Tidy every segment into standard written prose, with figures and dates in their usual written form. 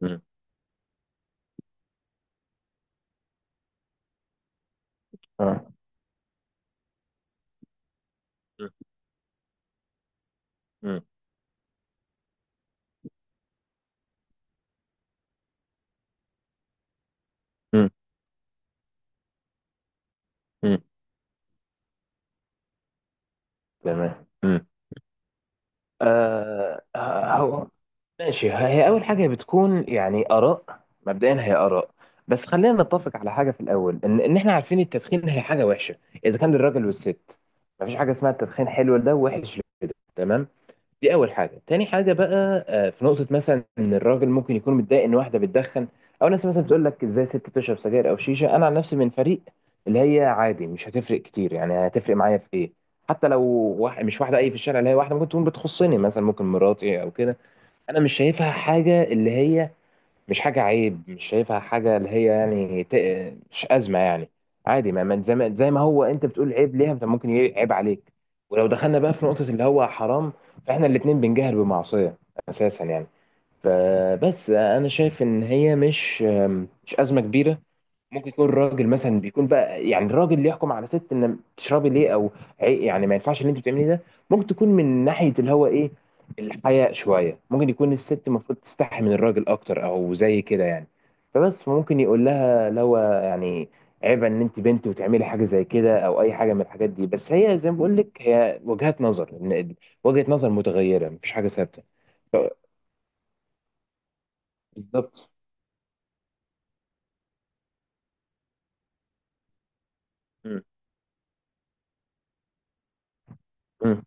مم. اه. مم. مم. مم. تمام. مم. آه. هو ماشي، هي أول حاجة بتكون يعني آراء، مبدئيا هي آراء. بس خلينا نتفق على حاجة في الأول، إن إحنا عارفين التدخين هي حاجة وحشة، إذا كان للراجل والست. مفيش حاجة اسمها التدخين حلو لده ووحش لده، تمام. دي اول حاجه. تاني حاجه بقى، في نقطه مثلا ان الراجل ممكن يكون متضايق ان واحده بتدخن، او ناس مثلا بتقول لك ازاي ست تشرب سجاير او شيشه. انا عن نفسي من فريق اللي هي عادي، مش هتفرق كتير. يعني هتفرق معايا في ايه؟ حتى لو واحد، مش واحده، اي في الشارع، اللي هي واحده ممكن تكون بتخصني مثلا، ممكن مراتي او كده، انا مش شايفها حاجه اللي هي مش حاجة عيب. مش شايفها حاجة اللي هي يعني مش أزمة يعني. عادي. زي ما هو أنت بتقول عيب ليها، طب ممكن عيب عليك. ولو دخلنا بقى في نقطة اللي هو حرام، فإحنا الاتنين بنجهل بمعصية أساسا يعني. فبس أنا شايف إن هي مش أزمة كبيرة. ممكن يكون راجل مثلا بيكون بقى يعني الراجل اللي يحكم على ست ان تشربي ليه، او يعني ما ينفعش اللي انت بتعمليه ده. ممكن تكون من ناحيه اللي هو ايه، الحياء شويه. ممكن يكون الست المفروض تستحي من الراجل اكتر او زي كده يعني. فبس فممكن يقول لها لو يعني عيب ان انت بنت وتعملي حاجه زي كده او اي حاجه من الحاجات دي. بس هي زي ما بقول لك هي وجهات نظر. وجهه نظر متغيره، مفيش حاجه ثابته. ف- بالظبط. مم.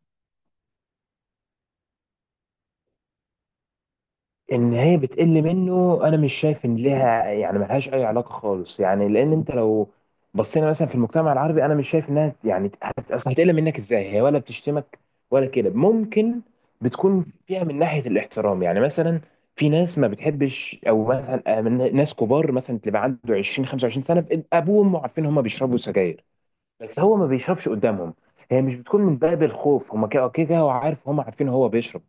ان هي بتقل منه، انا مش شايف ان ليها يعني، ملهاش اي علاقه خالص يعني. لان انت لو بصينا مثلا في المجتمع العربي، انا مش شايف انها يعني اصل هتقل منك ازاي؟ هي ولا بتشتمك ولا كده. ممكن بتكون فيها من ناحيه الاحترام يعني. مثلا في ناس ما بتحبش، او مثلا من ناس كبار مثلا تبقى عنده 20 25 سنه، ابوه وامه عارفين هم بيشربوا سجاير بس هو ما بيشربش قدامهم. هي مش بتكون من باب الخوف، هم كده كده هو عارف، هم عارفين هو بيشرب،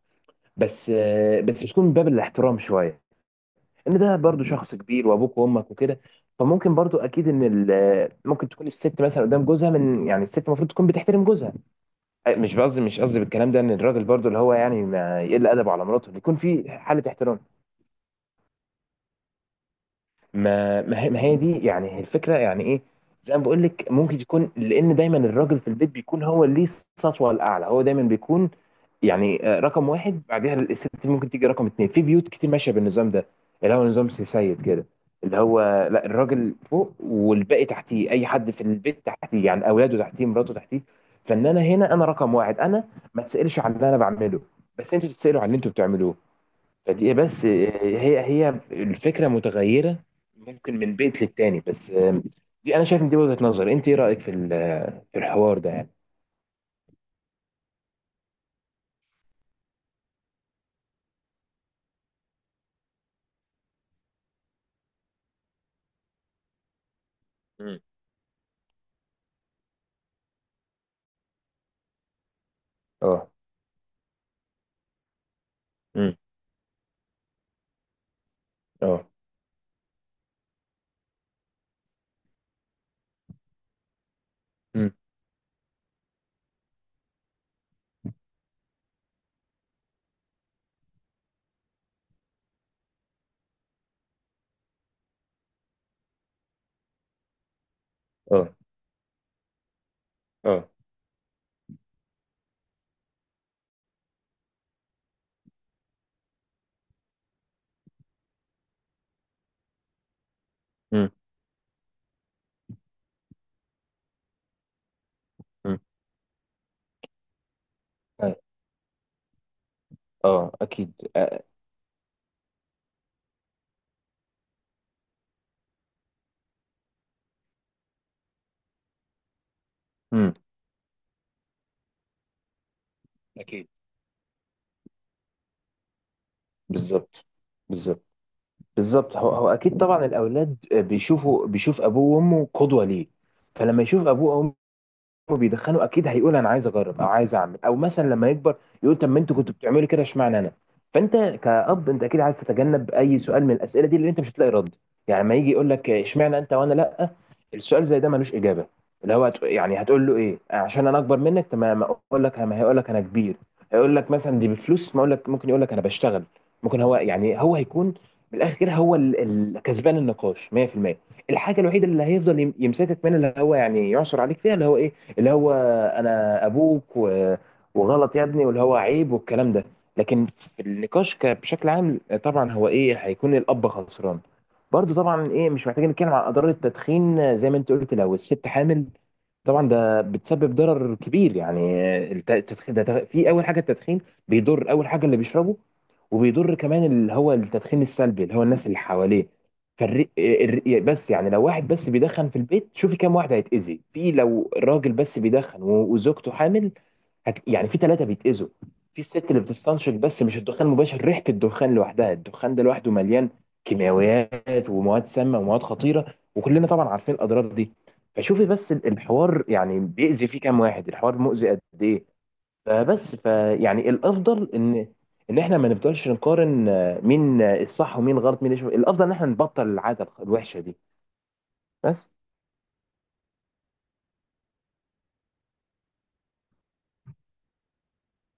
بس بس بتكون من باب الاحترام شويه، ان ده برضو شخص كبير وابوك وامك وكده. فممكن برضو اكيد ان ممكن تكون الست مثلا قدام جوزها، من يعني الست المفروض تكون بتحترم جوزها. أي، مش قصدي بالكلام ده ان الراجل برضو اللي هو يعني ما يقل ادبه على مراته، اللي يكون في حاله احترام. ما هي دي يعني هي الفكره يعني ايه. زي ما بقول لك ممكن يكون لان دايما الراجل في البيت بيكون هو اللي ليه السطوه الاعلى. هو دايما بيكون يعني رقم واحد. بعدها الست ممكن تيجي رقم اتنين. في بيوت كتير ماشيه بالنظام ده، اللي هو نظام سي سيد كده، اللي هو لا، الراجل فوق والباقي تحتيه. اي حد في البيت تحتيه، يعني اولاده تحتيه، مراته تحتيه. فان انا هنا انا رقم واحد. انا ما تسالش على اللي انا بعمله، بس انتوا تتسالوا على اللي انتوا بتعملوه. فدي بس هي الفكرة متغيرة، ممكن من بيت للتاني. بس دي انا شايف ان دي وجهة نظر. انت ايه رأيك في في الحوار ده يعني؟ مم. اه. مم. اه. مم. اه. اه. مم. مم. أي. اه اكيد، آه. مم. اكيد. بالظبط. بالظبط. بالظبط. هو اكيد طبعا الاولاد بيشوف ابوه وامه قدوة ليه. فلما يشوف ابوه وبيدخنوا، اكيد هيقول انا عايز اجرب او عايز اعمل، او مثلا لما يكبر يقول طب ما انتوا كنتوا بتعملوا كده، اشمعنى انا؟ فانت كأب انت اكيد عايز تتجنب اي سؤال من الاسئله دي اللي انت مش هتلاقي رد. يعني لما يجي يقول لك اشمعنى انت وانا لا، السؤال زي ده ملوش اجابه، اللي هو يعني هتقول له ايه؟ عشان انا اكبر منك، تمام؟ اقول لك ما هيقول لك انا كبير. هيقول لك مثلا دي بفلوس، ما اقول لك ممكن يقول لك انا بشتغل. ممكن هو يعني هو هيكون بالاخر كده هو كسبان النقاش 100%. الحاجه الوحيده اللي هيفضل يمسكك منها، اللي هو يعني يعثر عليك فيها، اللي هو ايه، اللي هو انا ابوك و- وغلط يا ابني واللي هو عيب والكلام ده. لكن في النقاش بشكل عام طبعا هو ايه، هيكون الاب خسران. برضو طبعا ايه، مش محتاجين نتكلم عن اضرار التدخين. زي ما انت قلت لو الست حامل طبعا ده بتسبب ضرر كبير يعني. التدخين ده في اول حاجه التدخين بيضر اول حاجه اللي بيشربه، وبيضر كمان اللي هو التدخين السلبي، اللي هو الناس اللي حواليه. بس يعني لو واحد بس بيدخن في البيت، شوفي كام واحد هيتأذي في لو راجل بس بيدخن و- وزوجته حامل، يعني في ثلاثة بيتأذوا. في الست اللي بتستنشق بس مش الدخان المباشر، ريحة الدخان لوحدها. الدخان ده لوحده مليان كيماويات ومواد سامة ومواد خطيرة، وكلنا طبعا عارفين الأضرار دي. فشوفي بس الحوار يعني بيأذي فيه كام واحد، الحوار مؤذي قد إيه. فبس فيعني الافضل ان احنا ما نفضلش نقارن، مين الصح ومين غلط، مين يشوف. الافضل ان احنا نبطل العاده الوحشه دي، بس.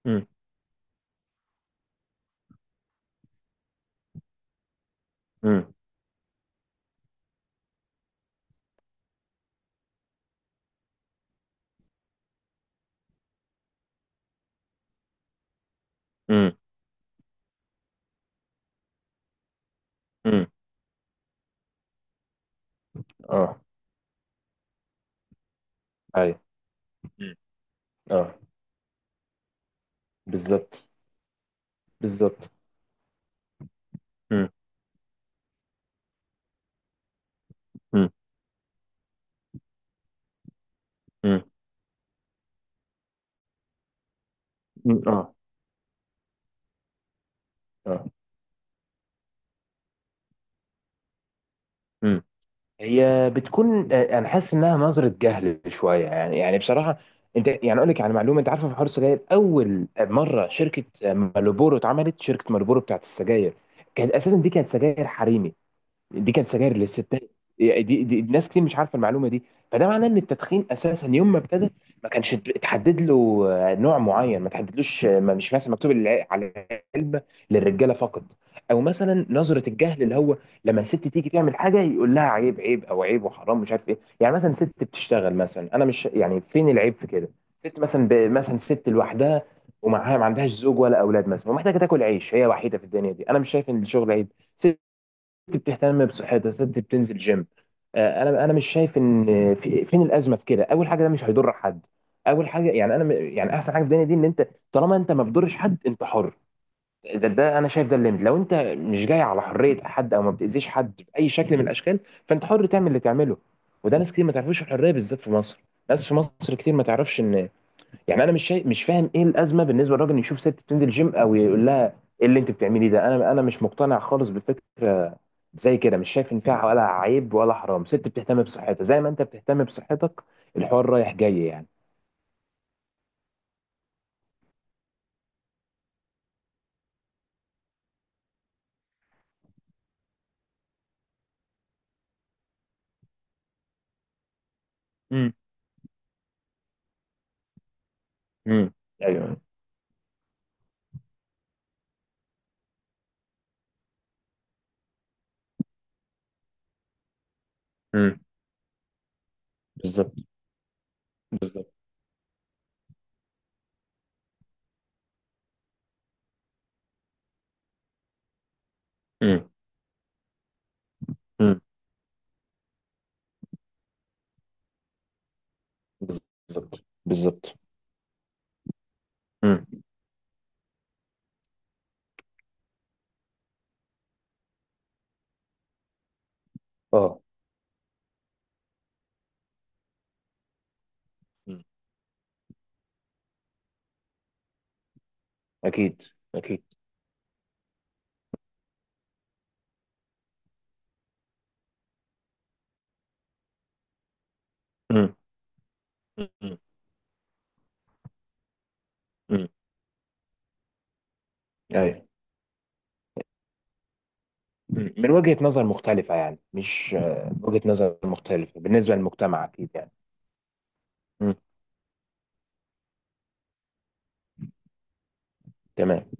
امم. امم. امم. امم. اه. ايوه. مم. اه. بالظبط. بالظبط. امم. امم. امم. اه. اه. مم. هي بتكون، انا حاسس انها نظره جهل شويه يعني بصراحه. انت يعني اقول لك على معلومه، انت عارفه في حوار السجاير اول مره شركه مالبورو اتعملت، شركه مالبورو بتاعت السجاير كانت اساسا دي كانت سجاير حريمي. دي كانت سجاير للستات. دي ناس كتير مش عارفه المعلومه دي. فده معناه ان التدخين اساسا يوم ما ابتدى ما كانش اتحدد له نوع معين، ما تحددلوش، ما مش مثلا مكتوب على العلبه للرجاله فقط. او مثلا نظره الجهل، اللي هو لما الست تيجي تعمل حاجه يقول لها عيب، عيب، او عيب وحرام مش عارف ايه. يعني مثلا ست بتشتغل مثلا، انا مش يعني فين العيب في كده؟ ست مثلا مثلا ست لوحدها ومعاها ما عندهاش زوج ولا اولاد مثلا ومحتاجه تاكل عيش، هي وحيده في الدنيا دي، انا مش شايف ان الشغل عيب. ست ست بتهتم بصحتها، ست بتنزل جيم، انا مش شايف ان في فين الازمه في كده. اول حاجه ده مش هيضر حد. اول حاجه يعني انا يعني احسن حاجه في الدنيا دي ان انت طالما انت ما بتضرش حد، انت حر. ده انا شايف ده الليمت. لو انت مش جاي على حريه حد او ما بتاذيش حد باي شكل من الاشكال، فانت حر تعمل اللي تعمله. وده ناس كتير ما تعرفوش الحريه، بالذات في مصر. ناس في مصر كتير ما تعرفش ان، يعني انا مش شايف، مش فاهم ايه الازمه بالنسبه للراجل إنه يشوف ست بتنزل جيم او يقول لها ايه اللي انت بتعمليه ده. انا مش مقتنع خالص بفكره زي كده. مش شايف ان فيها ولا عيب ولا حرام. ست بتهتم بصحتها زي ما انت بتهتم بصحتك، الحوار رايح جاي يعني. امم. امم. ايوه. امم. بالظبط. بالظبط. امم. امم. بالظبط. بالظبط. امم. اه. مم. اكيد. اكيد. امم. امم. امم. ايوه. مم. من وجهة نظر مختلفة يعني، مش وجهة نظر مختلفة بالنسبة للمجتمع، أكيد يعني. مم. تمام.